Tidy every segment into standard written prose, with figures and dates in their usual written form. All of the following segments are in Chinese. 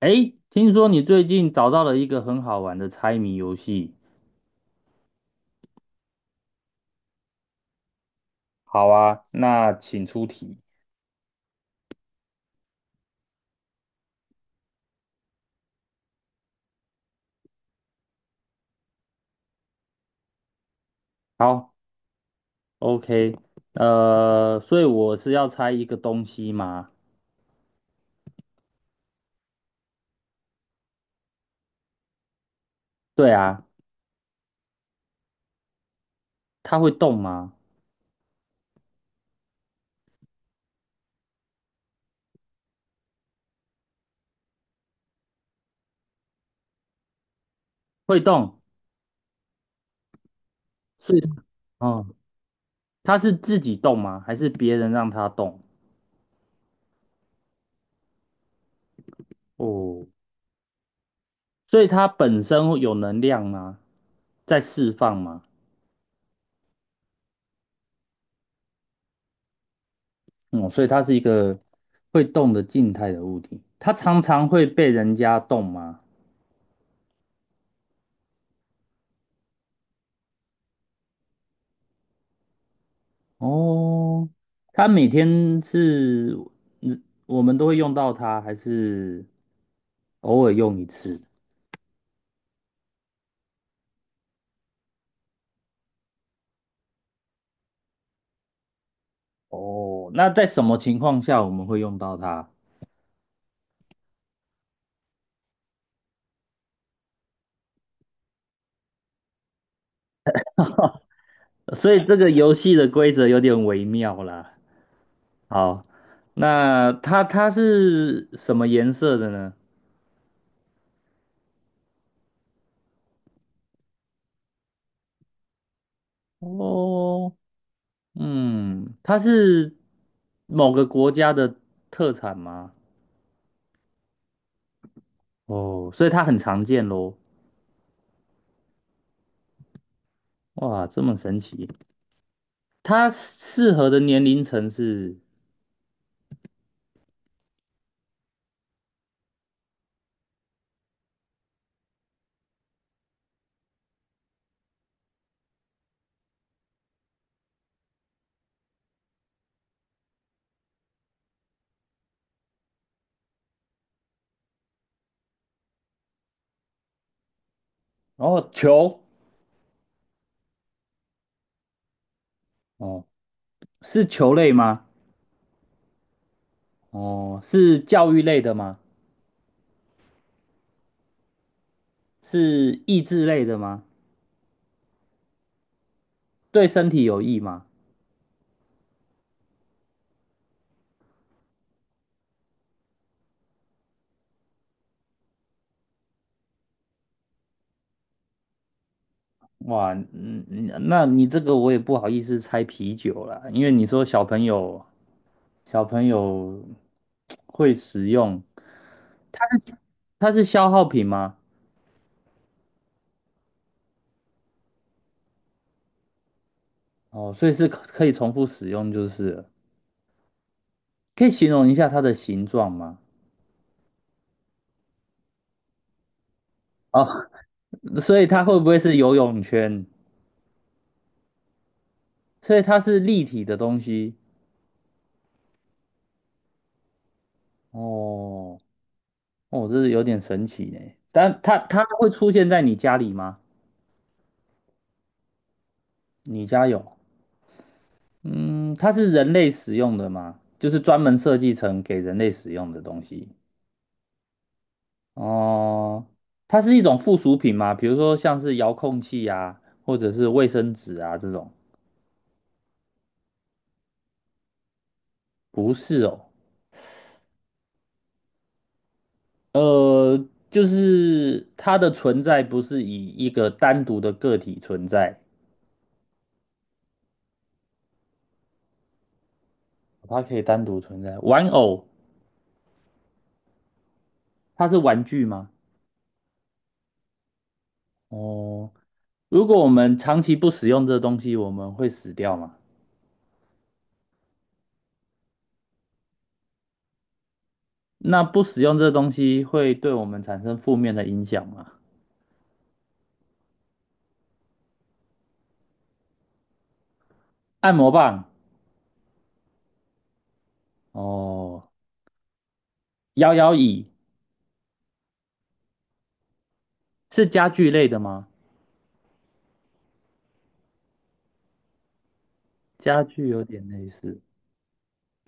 哎，听说你最近找到了一个很好玩的猜谜游戏。好啊，那请出题。好，OK，所以我是要猜一个东西吗？对啊，它会动吗？会动，所以，嗯，它是自己动吗？还是别人让它动？哦，所以它本身有能量吗？在释放吗？嗯，所以它是一个会动的静态的物体。它常常会被人家动吗？哦，它每天是，嗯我们都会用到它，还是偶尔用一次？哦，那在什么情况下我们会用到它？所以这个游戏的规则有点微妙啦。好，那它是什么颜色的呢？哦，嗯，它是某个国家的特产吗？哦，所以它很常见喽。哇，这么神奇。它适合的年龄层是哦，球，哦，是球类吗？哦，是教育类的吗？是益智类的吗？对身体有益吗？哇，嗯，嗯那你这个我也不好意思猜啤酒啦，因为你说小朋友会使用，它是它是消耗品吗？哦，所以是可以重复使用就是了可以形容一下它的形状吗？哦，所以它会不会是游泳圈？所以它是立体的东西哦，哦，这是有点神奇呢。但它会出现在你家里吗？你家有？嗯，它是人类使用的吗？就是专门设计成给人类使用的东西。哦，它是一种附属品吗？比如说像是遥控器啊，或者是卫生纸啊这种？不是哦，就是它的存在不是以一个单独的个体存在。它可以单独存在。玩偶，它是玩具吗？哦，如果我们长期不使用这东西，我们会死掉吗？那不使用这东西会对我们产生负面的影响吗？按摩棒，哦，摇摇椅是家具类的吗？家具有点类似，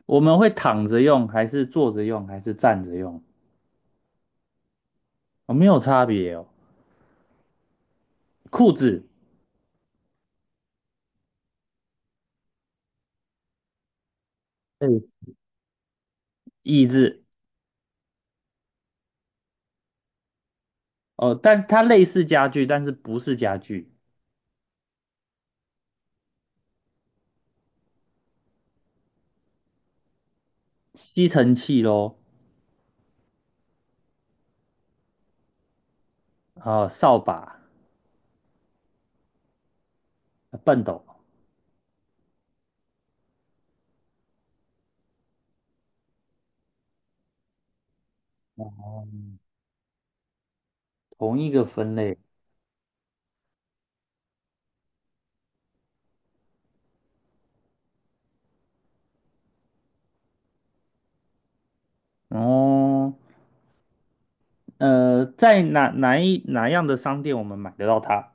我们会躺着用，还是坐着用，还是站着用？哦，没有差别哦。裤子，嗯，椅子，哦，但它类似家具，但是不是家具，吸尘器咯。啊，扫把、畚斗，同一个分类。哦，在哪样的商店我们买得到它？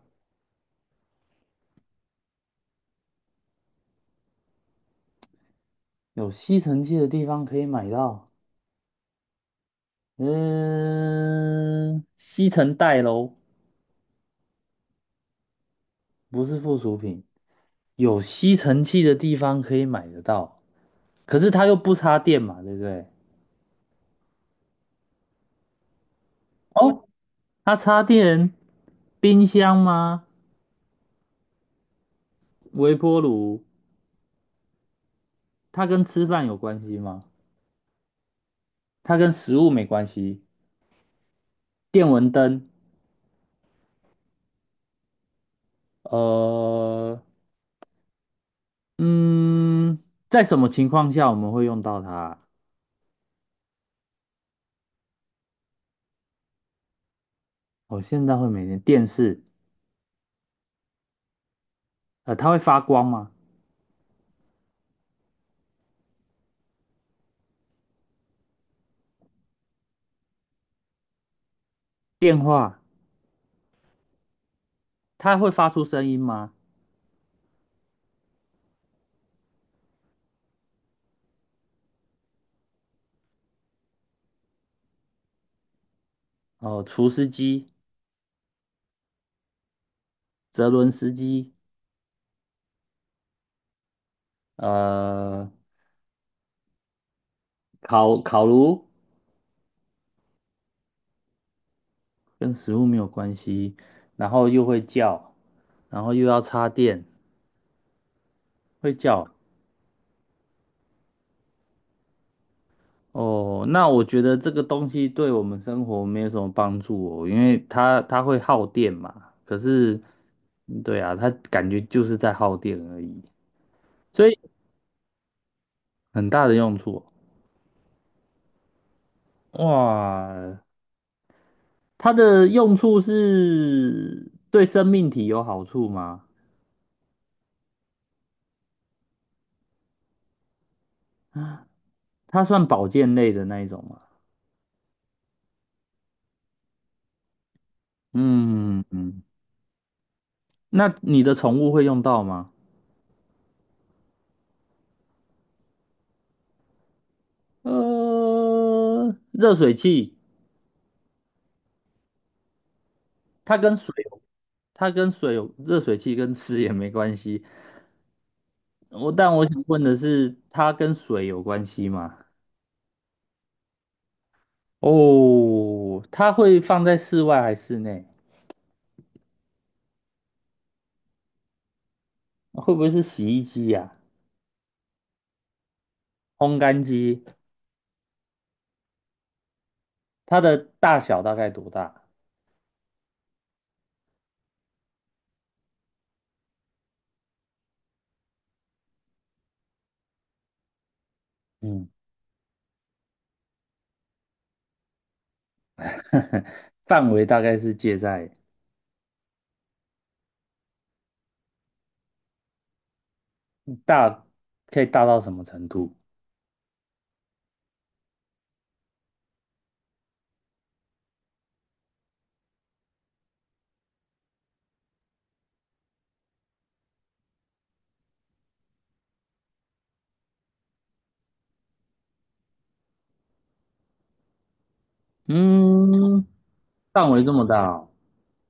有吸尘器的地方可以买到。嗯，吸尘袋喽，不是附属品。有吸尘器的地方可以买得到，可是它又不插电嘛，对不对？哦，它插电，冰箱吗？微波炉，它跟吃饭有关系吗？它跟食物没关系。电蚊灯。呃，嗯，在什么情况下我们会用到它？我现在会每天电视，它会发光吗？电话，它会发出声音吗？哦、除湿机、泽伦斯基，呃，烤炉跟食物没有关系，然后又会叫，然后又要插电，会叫哦，那我觉得这个东西对我们生活没有什么帮助哦，因为它会耗电嘛。可是，嗯对啊，它感觉就是在耗电而已，所以很大的用处哦。哇，它的用处是对生命体有好处吗？它算保健类的那一种吗？嗯嗯，嗯那你的宠物会用到吗？呃，热水器。它跟水有，它跟水有，热水器跟吃也没关系。我但我想问的是，它跟水有关系吗？哦，它会放在室外还是室内？会不会是洗衣机呀、烘干机？它的大小大概多大？嗯，范围大概是介在大，可以大到什么程度？嗯，范围这么大哦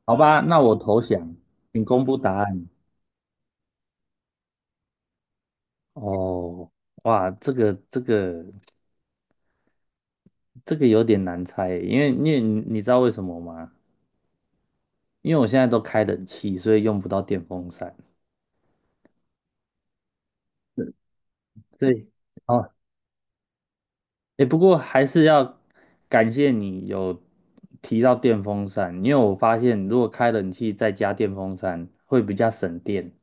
好吧，那我投降，请公布答案。哦，哇，这个有点难猜耶因为因为你知道为什么吗？因为我现在都开冷气，所以用不到电风扇。对，哦，哎，不过还是要感谢你有提到电风扇，因为我发现如果开冷气再加电风扇会比较省电，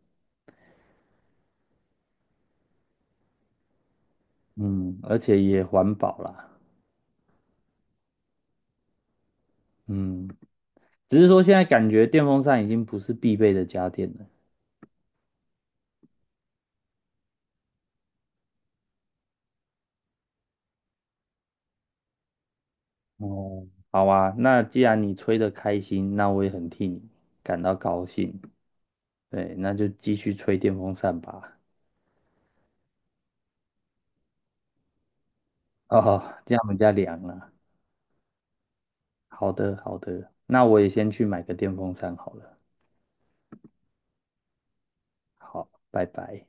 嗯，而且也环保啦，嗯，只是说现在感觉电风扇已经不是必备的家电了。哦，好啊，那既然你吹得开心，那我也很替你感到高兴。对，那就继续吹电风扇吧。哦，这样我们家凉了。好的，好的，那我也先去买个电风扇好了。好，拜拜。